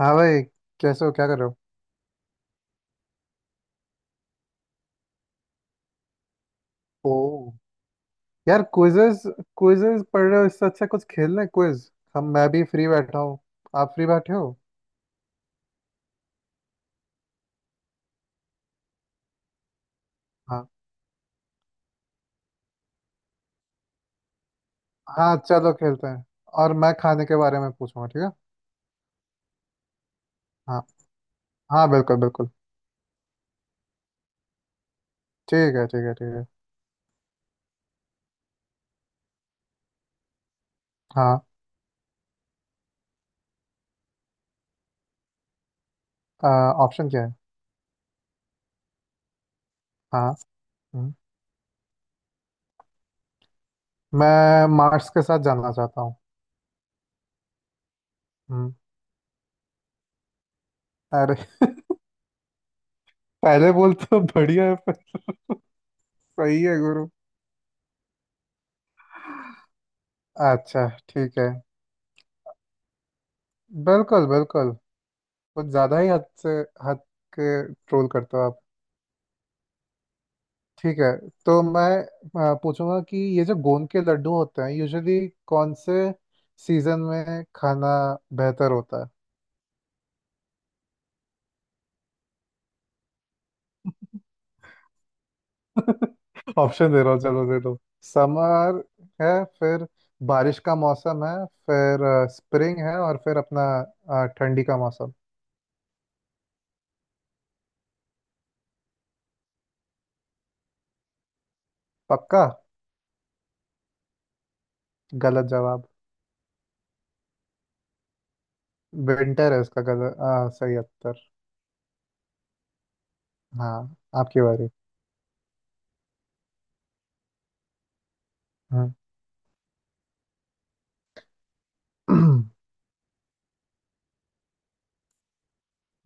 हाँ भाई। कैसे हो, क्या कर रहे हो? ओ! यार क्विजेस, पढ़ रहे हो? इससे अच्छा कुछ खेल लें क्विज। हम मैं भी फ्री बैठा हूँ, आप फ्री बैठे हो? हाँ, हाँ चलो खेलते हैं, और मैं खाने के बारे में पूछूंगा ठीक है? हाँ, हाँ बिल्कुल बिल्कुल। ठीक है ठीक है ठीक है। हाँ ऑप्शन क्या है? हाँ। हम्म, मैं मार्स के साथ जाना चाहता हूँ। हम्म। अरे पहले बोल तो बढ़िया है पर सही है गुरु। अच्छा ठीक है। बिल्कुल बिल्कुल। कुछ ज्यादा ही हद से हद के ट्रोल करते हो आप। ठीक है तो मैं पूछूंगा कि ये जो गोंद के लड्डू होते हैं यूजुअली कौन से सीजन में खाना बेहतर होता है। ऑप्शन दे रहा हूँ, चलो दे दो। समर है, फिर बारिश का मौसम है, फिर स्प्रिंग है, और फिर अपना ठंडी का मौसम। पक्का। गलत जवाब। विंटर है इसका सही उत्तर। हाँ, आपकी बारी। हम्म।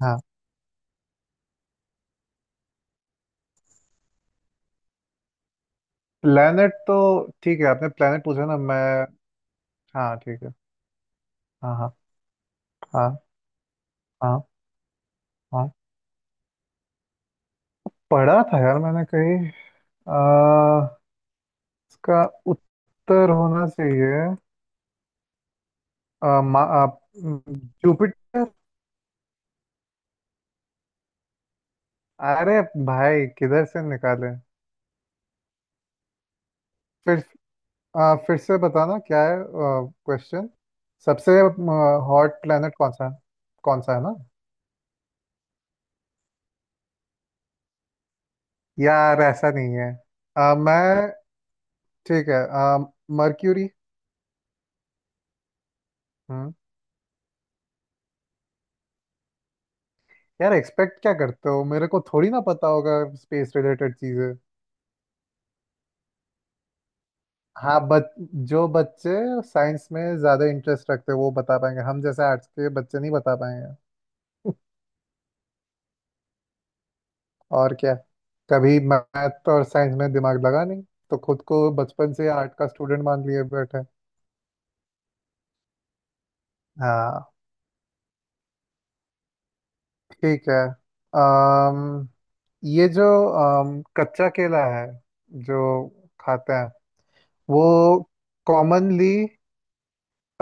हाँ प्लेनेट तो, ठीक है आपने प्लेनेट पूछा ना मैं। हाँ ठीक है। हाँ। हाँ। हाँ। हाँ। हाँ। पढ़ा था यार मैंने कहीं। आ, इसका उत्तर होना चाहिए आ, मा, आ, जुपिटर। अरे भाई किधर से निकाले? फिर फिर से बताना क्या है क्वेश्चन? सबसे हॉट प्लेनेट कौन सा है ना? यार ऐसा नहीं है। मैं ठीक है मर्क्यूरी। यार एक्सपेक्ट क्या करते हो, मेरे को थोड़ी ना पता होगा स्पेस रिलेटेड चीजें। हाँ बच जो बच्चे साइंस में ज्यादा इंटरेस्ट रखते हैं वो बता पाएंगे, हम जैसे आर्ट्स के बच्चे नहीं बता पाएंगे। और क्या। कभी मैथ और साइंस में दिमाग लगा नहीं, तो खुद को बचपन से आर्ट का स्टूडेंट मान लिए बैठे। हाँ ठीक है। अम ये जो कच्चा केला है जो खाते हैं वो कॉमनली,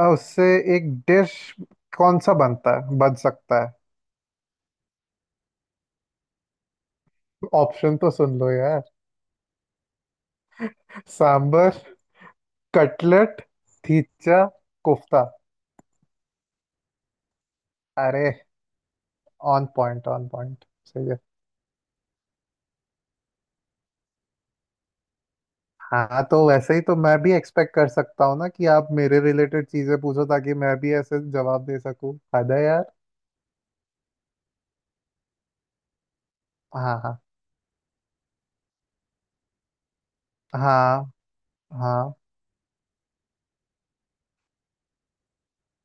और उससे एक डिश कौन सा बनता है, बन सकता है? ऑप्शन तो सुन लो यार। सांबर, कटलेट, थीचा, कोफ्ता। अरे ऑन पॉइंट सही है। हाँ तो वैसे ही तो मैं भी एक्सपेक्ट कर सकता हूँ ना, कि आप मेरे रिलेटेड चीजें पूछो ताकि मैं भी ऐसे जवाब दे सकूँ। हद है यार। हाँ हाँ। हाँ। हाँ।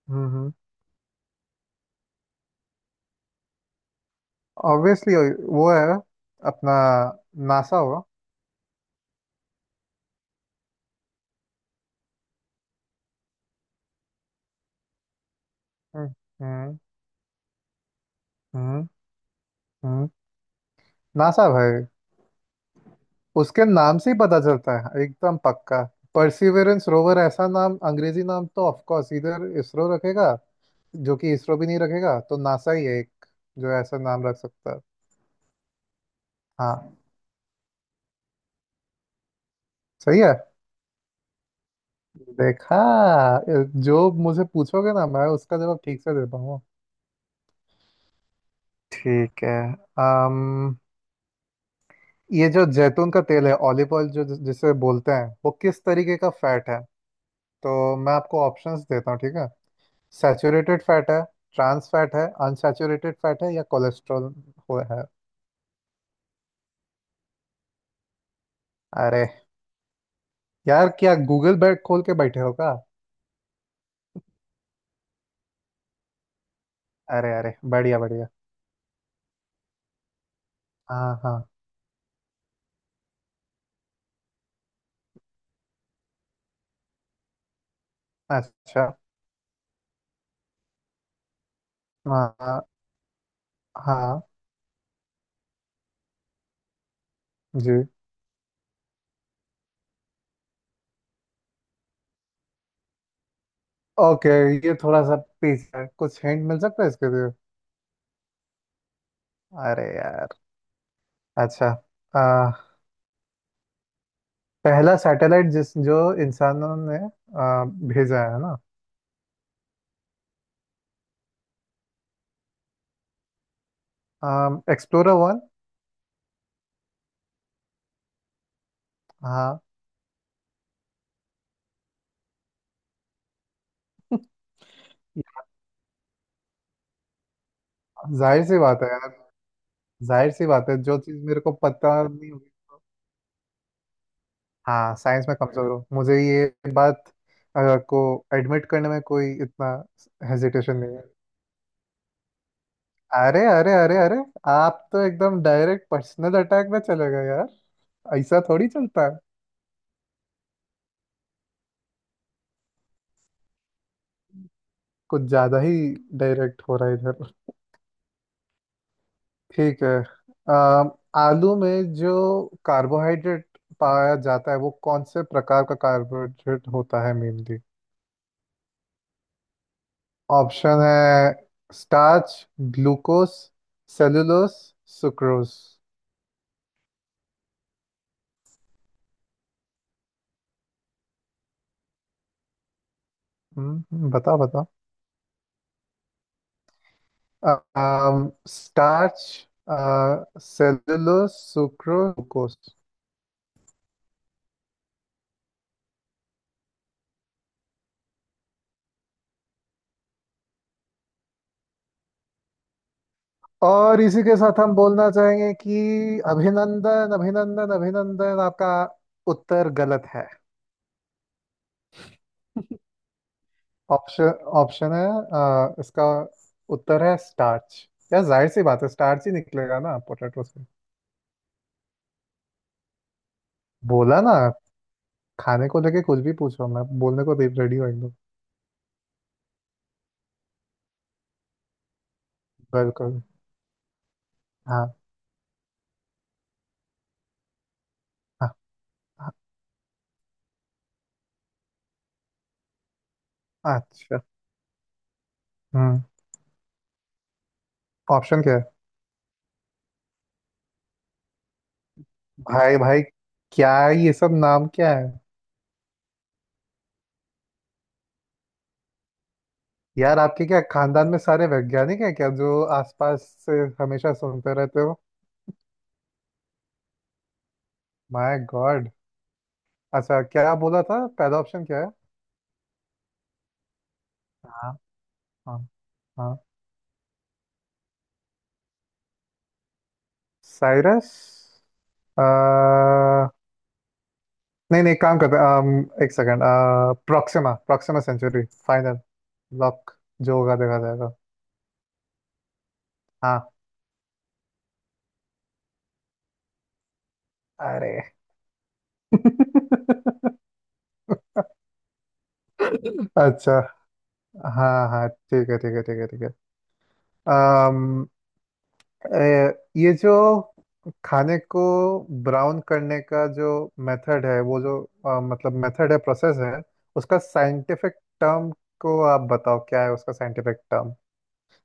हम्म। ऑब्वियसली वो है अपना नासा होगा। हम्म। हम्म। हम्म। हम्म। नासा भाई, उसके नाम से ही पता चलता है, एकदम पक्का। परसिवरेंस रोवर ऐसा नाम, अंग्रेजी नाम तो ऑफ कोर्स इधर इसरो रखेगा, जो कि इसरो भी नहीं रखेगा, तो नासा ही है एक जो ऐसा नाम रख सकता है। हाँ। सही है। देखा, जो मुझे पूछोगे ना मैं उसका जवाब ठीक से दे पाऊंगा। ठीक है। अम ये जो जैतून का तेल है, ऑलिव ऑयल जो जिसे बोलते हैं, वो किस तरीके का फैट है? तो मैं आपको ऑप्शंस देता हूँ ठीक है। सैचुरेटेड फैट है, ट्रांस फैट है, अनसैचुरेटेड फैट है, या कोलेस्ट्रॉल हो है। अरे यार क्या गूगल बैग खोल के बैठे हो क्या? अरे अरे बढ़िया बढ़िया। हाँ हाँ। अच्छा। हाँ। हाँ। जी। ओके। ये थोड़ा सा पीस है, कुछ हिंट मिल सकता है इसके लिए? अरे यार। अच्छा। आ, पहला सैटेलाइट जिस जो इंसानों ने आ, भेजा है ना। Explorer one. हाँ। जाहिर सी बात है यार। जाहिर सी बात है, जो चीज मेरे को पता नहीं होगी तो-। हाँ साइंस में कमजोर हूँ, मुझे ये बात अ, को एडमिट करने में कोई इतना हेजिटेशन नहीं है। अरे अरे अरे अरे। आप तो एकदम डायरेक्ट पर्सनल अटैक में चले गए यार। ऐसा थोड़ी चलता है। कुछ ज्यादा ही डायरेक्ट हो रहा है इधर। ठीक है। अम, आलू में जो कार्बोहाइड्रेट पाया जाता है वो कौन से प्रकार का कार्बोहाइड्रेट होता है मेनली? ऑप्शन है स्टार्च, ग्लूकोस, सेलुलोस, सुक्रोज। बताओ बताओ। Starch, cellulose, sucrose, glucose. और इसी के साथ हम बोलना चाहेंगे कि अभिनंदन अभिनंदन अभिनंदन। आपका उत्तर गलत है। ऑप्शन, इसका उत्तर है स्टार्च। यार जाहिर सी बात है स्टार्च ही निकलेगा ना पोटैटो से। बोला ना, खाने को लेके कुछ भी पूछो मैं बोलने को रेडी हूँ एकदम। बिल्कुल। हाँ। हाँ। हाँ। अच्छा। हम्म। ऑप्शन क्या है? भाई भाई क्या है ये, सब नाम क्या है? यार आपके क्या खानदान में सारे वैज्ञानिक हैं क्या जो आसपास से हमेशा सुनते रहते हो? My God. अच्छा क्या बोला था, पहला ऑप्शन क्या है? हाँ। हाँ। हाँ। साइरस। अ, नहीं नहीं काम करते हैं, एक second, Proxima Proxima Centauri final lock. जो होगा देखा जाएगा। हाँ। अरे अच्छा। हाँ हाँ ठीक है ठीक है ठीक है ठीक है। अम, ए, ये जो खाने को ब्राउन करने का जो मेथड है, वो जो मेथड है, प्रोसेस है, उसका साइंटिफिक टर्म को आप बताओ क्या है उसका साइंटिफिक टर्म।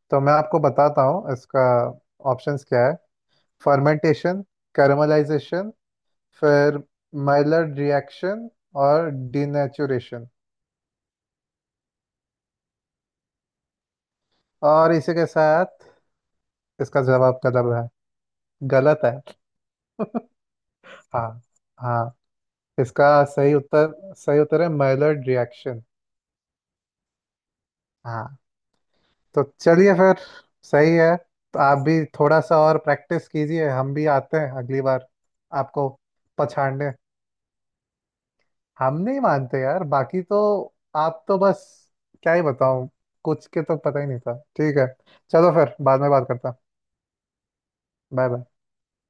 तो मैं आपको बताता हूँ, इसका ऑप्शंस क्या है। फर्मेंटेशन, कैरमलाइजेशन, फिर माइलर्ड रिएक्शन, और डिनेचुरेशन। और इसी के साथ इसका जवाब कदम है। गलत है। हाँ। हाँ। इसका सही उत्तर, सही उत्तर है माइलर्ड रिएक्शन। हाँ। तो चलिए फिर। सही है। तो आप भी थोड़ा सा और प्रैक्टिस कीजिए, हम भी आते हैं अगली बार आपको पछाड़ने। हम नहीं मानते यार, बाकी तो आप तो बस क्या ही बताऊं। कुछ के तो पता ही नहीं था ठीक है। चलो फिर बाद में बात करता। Bye bye.